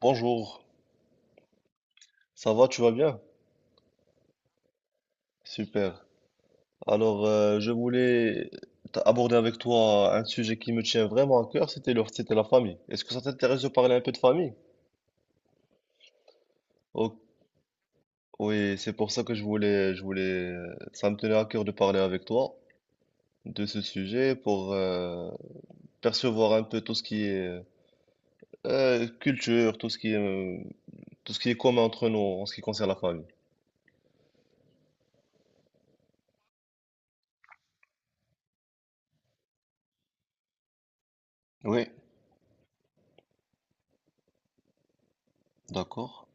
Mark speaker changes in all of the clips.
Speaker 1: Bonjour, ça va, tu vas bien? Super. Alors, je voulais aborder avec toi un sujet qui me tient vraiment à cœur, c'était c'était la famille. Est-ce que ça t'intéresse de parler un peu de famille? Oh, oui, c'est pour ça que je voulais, ça me tenait à cœur de parler avec toi de ce sujet pour percevoir un peu tout ce qui est culture, tout ce qui est, tout ce qui est commun entre nous en ce qui concerne la famille. Oui, d'accord.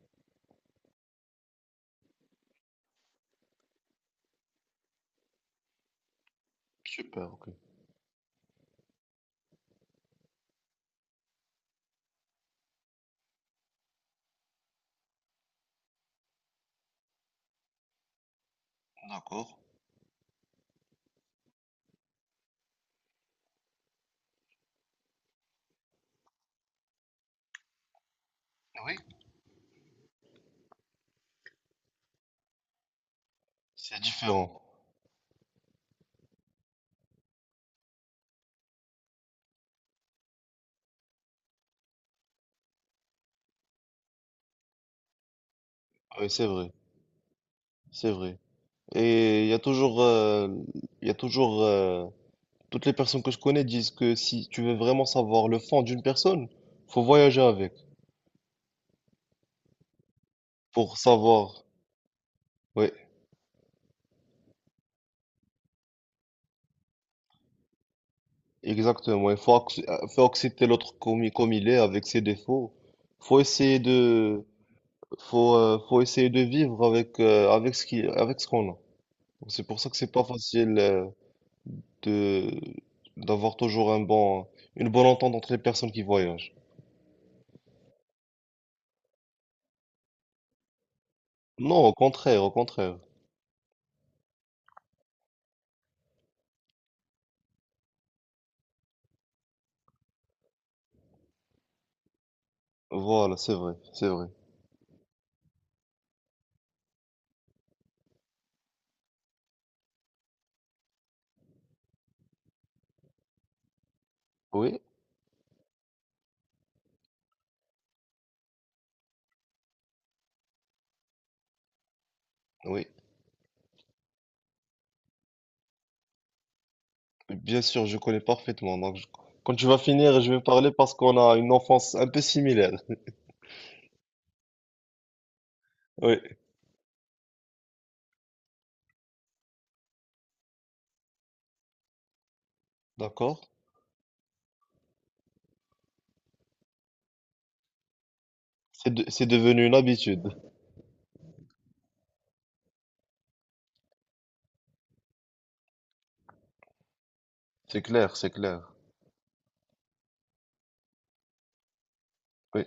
Speaker 1: Super, ok. D'accord. Oui, c'est différent. Oui, c'est vrai. C'est vrai. Et il y a toujours, il y a toujours, euh, toutes les personnes que je connais disent que si tu veux vraiment savoir le fond d'une personne, faut voyager avec pour savoir. Oui, exactement. Il faut, faut accepter l'autre comme, comme il est, avec ses défauts. Faut essayer de, faut, faut essayer de vivre avec, avec avec ce qu'on a. Donc, c'est pour ça que c'est pas facile, de, d'avoir toujours une bonne entente entre les personnes qui voyagent. Non, au contraire, au contraire. Voilà, c'est vrai, c'est vrai. Oui, oui, bien sûr, je connais parfaitement. Donc, quand tu vas finir, je vais parler parce qu'on a une enfance un peu similaire. Oui, d'accord. C'est devenu une habitude. C'est clair, c'est clair. Oui.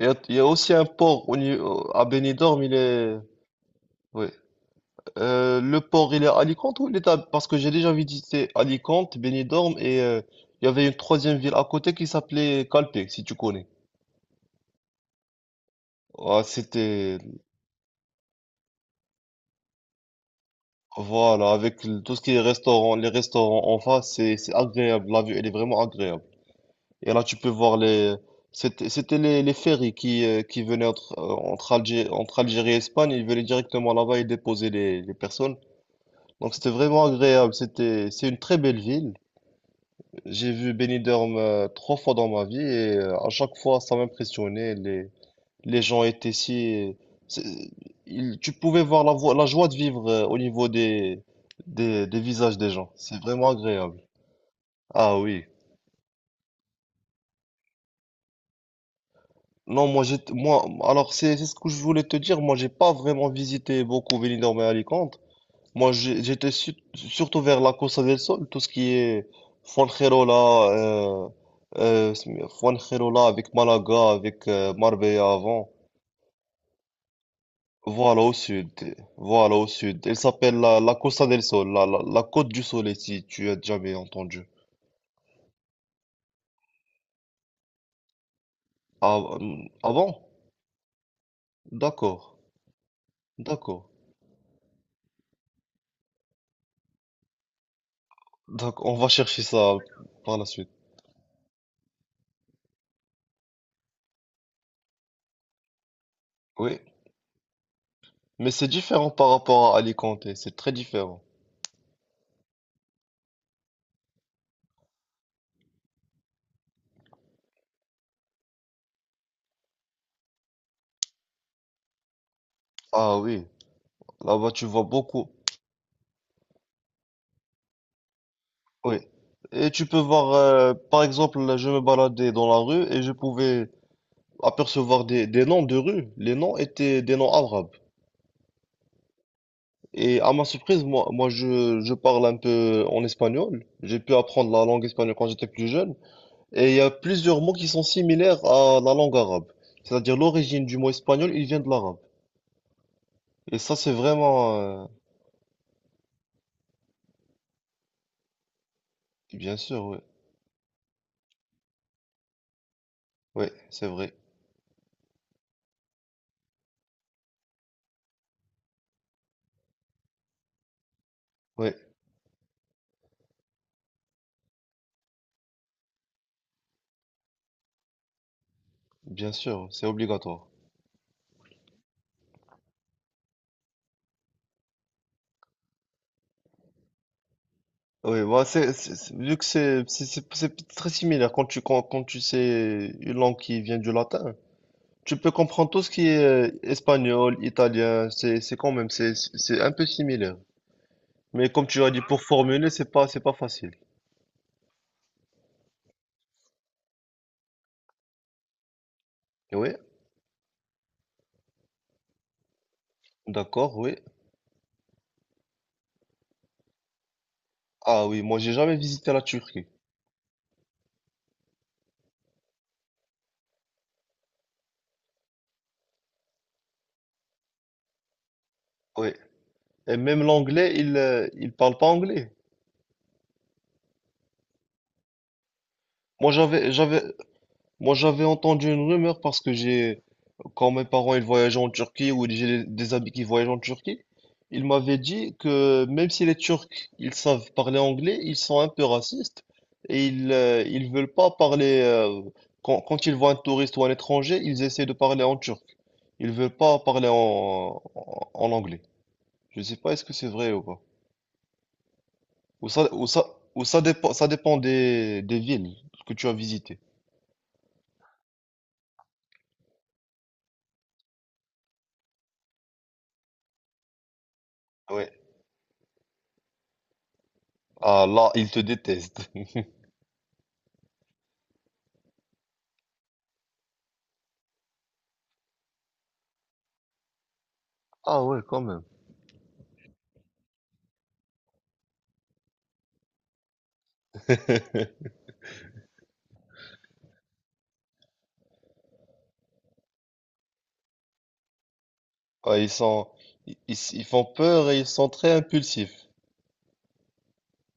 Speaker 1: Il y a aussi un port au, ni- au- à Benidorm, il est. Oui. Le port, il est à Alicante ou Parce que j'ai déjà visité Alicante, Benidorm et il y avait une troisième ville à côté qui s'appelait Calpe, si tu connais. Ah, c'était voilà, avec tout ce qui est restaurant, les restaurants en face, c'est agréable. La vue, elle est vraiment agréable. Et là, tu peux voir les. C'était les ferries qui venaient entre Algérie et Espagne. Ils venaient directement là-bas et déposaient les personnes. Donc, c'était vraiment agréable. C'est une très belle ville. J'ai vu Benidorm trois fois dans ma vie et à chaque fois, ça m'impressionnait. Les gens étaient si... c'est- tu pouvais voir la joie de vivre au niveau des visages des gens. C'est vraiment agréable. Ah oui. Non, moi, alors c'est ce que je voulais te dire. Moi, j'ai pas vraiment visité beaucoup Benidorm et Alicante. Moi, j'ai- j'étais surtout vers la Costa del Sol, tout ce qui est Fuengirola, euh, euh, Fuengirola avec Malaga, avec Marbella avant. Voilà au sud, voilà au sud. Elle s'appelle la Costa del Sol, la Côte du Soleil, si tu as jamais entendu. Ah, ah bon? D'accord, d'accord. Donc on va chercher ça par la suite. Oui, mais c'est différent par rapport à Alicante, c'est très différent. Ah oui, là-bas tu vois beaucoup. Oui. Et tu peux voir, par exemple, là, je me baladais dans la rue et je pouvais apercevoir des noms de rues. Les noms étaient des noms arabes. Et à ma surprise, je parle un peu en espagnol. J'ai pu apprendre la langue espagnole quand j'étais plus jeune. Et il y a plusieurs mots qui sont similaires à la langue arabe. C'est-à-dire l'origine du mot espagnol, il vient de l'arabe. Et ça, c'est vraiment... Bien sûr, oui. Oui, c'est vrai. Oui, bien sûr, c'est obligatoire. Oui, bah c'est, vu que c'est très similaire quand tu sais une langue qui vient du latin, tu peux comprendre tout ce qui est espagnol, italien, c'est quand même c'est un peu similaire. Mais comme tu as dit, pour formuler, c'est pas facile. Oui, d'accord, oui. Ah oui, moi j'ai jamais visité la Turquie. Oui. Et même l'anglais, il parle pas anglais. Moi j'avais, j'avais, moi j'avais entendu une rumeur. Quand mes parents ils voyageaient en Turquie ou j'ai des amis qui voyagent en Turquie, ils m'avaient dit que même si les Turcs ils savent parler anglais, ils sont un peu racistes et ils veulent pas parler quand ils voient un touriste ou un étranger, ils essaient de parler en turc. Ils veulent pas parler en anglais. Je sais pas est-ce que c'est vrai ou pas. Ou ça ou ça ou ça dépend des villes que tu as visitées. Ouais. Ah là, ils te détestent. Ah ouais, quand même. Ah, ils font peur et ils sont très impulsifs.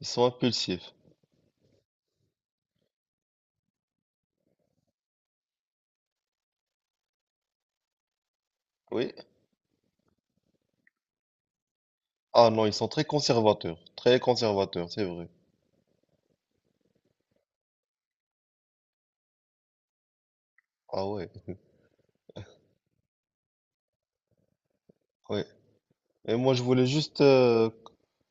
Speaker 1: Ils sont impulsifs. Oui. Ah non, ils sont très conservateurs. Très conservateurs, c'est vrai. Ah ouais. Ouais. Et moi, je voulais juste,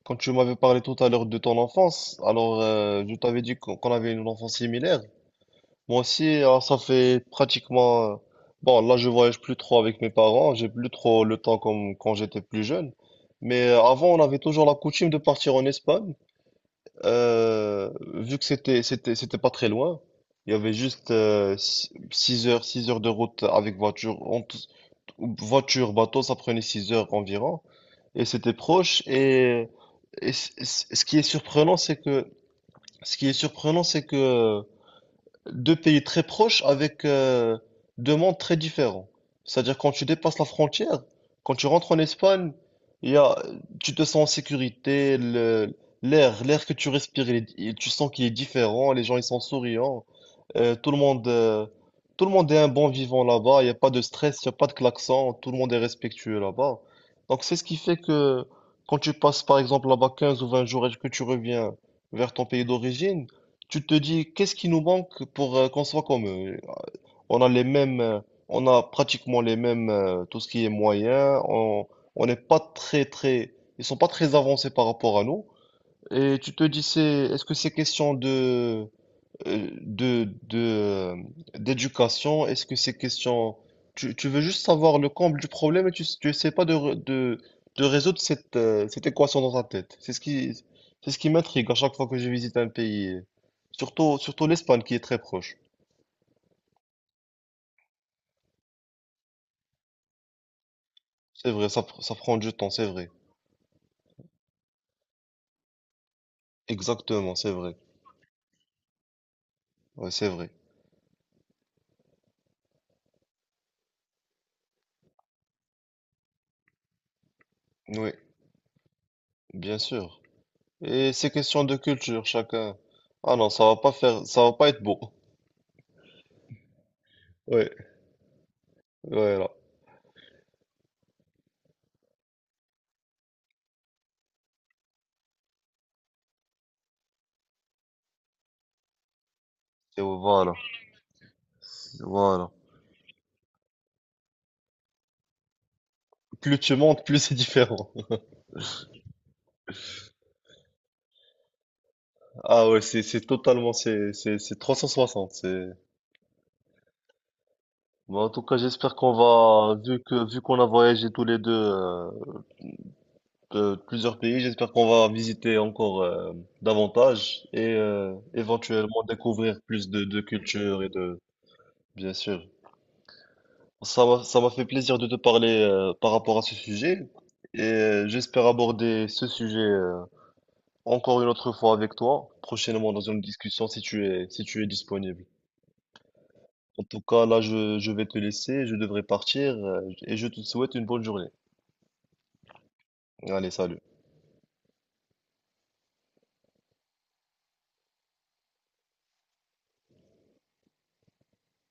Speaker 1: quand tu m'avais parlé tout à l'heure de ton enfance, alors je t'avais dit qu'on avait une enfance similaire. Moi aussi, alors, ça fait pratiquement. Bon, là, je voyage plus trop avec mes parents. J'ai plus trop le temps comme quand j'étais plus jeune. Mais avant, on avait toujours la coutume de partir en Espagne. Vu que c'était pas très loin, il y avait juste 6 heures de route avec voiture voiture bateau, ça prenait 6 heures environ et c'était proche, ce qui est surprenant c'est que deux pays très proches avec deux mondes très différents. C'est-à-dire quand tu dépasses la frontière, quand tu rentres en Espagne, il y a, tu te sens en sécurité, l'air que tu respires, tu sens qu'il est différent, les gens ils sont souriants, euh, tout le monde, euh, tout le monde est un bon vivant là-bas, il n'y a pas de stress, il n'y a pas de klaxon, tout le monde est respectueux là-bas. Donc c'est ce qui fait que quand tu passes par exemple là-bas 15 ou 20 jours et que tu reviens vers ton pays d'origine, tu te dis, qu'est-ce qui nous manque pour qu'on soit comme eux? On a on a pratiquement les mêmes, tout ce qui est moyen. On n'est pas ils sont pas très avancés par rapport à nous. Et tu te dis, c'est, est-ce que c'est question euh, de, de, euh, d'éducation? Est-ce que ces questions... Tu veux juste savoir le comble du problème et tu essaies pas de résoudre cette équation dans ta tête. C'est ce qui m'intrigue à chaque fois que je visite un pays. Surtout, l'Espagne qui est très proche. C'est vrai, ça prend du temps, c'est vrai. Exactement, c'est vrai. Ouais, c'est vrai. Oui, bien sûr. Et ces questions de culture, chacun. Ah non, ça va pas faire, ça va pas être beau. Ouais, voilà. Et voilà. Voilà. Plus tu montes, plus c'est différent. Ah ouais, c'est totalement c'est 360. C'est Bon, en tout cas, j'espère qu'on va vu que vu qu'on a voyagé tous les deux de plusieurs pays, j'espère qu'on va visiter encore davantage et éventuellement découvrir plus de cultures. Et de Bien sûr. Ça m'a fait plaisir de te parler par rapport à ce sujet et j'espère aborder ce sujet encore une autre fois avec toi, prochainement dans une discussion si tu es disponible. En tout cas, là, je vais te laisser, je devrais partir et je te souhaite une bonne journée. Allez, salut.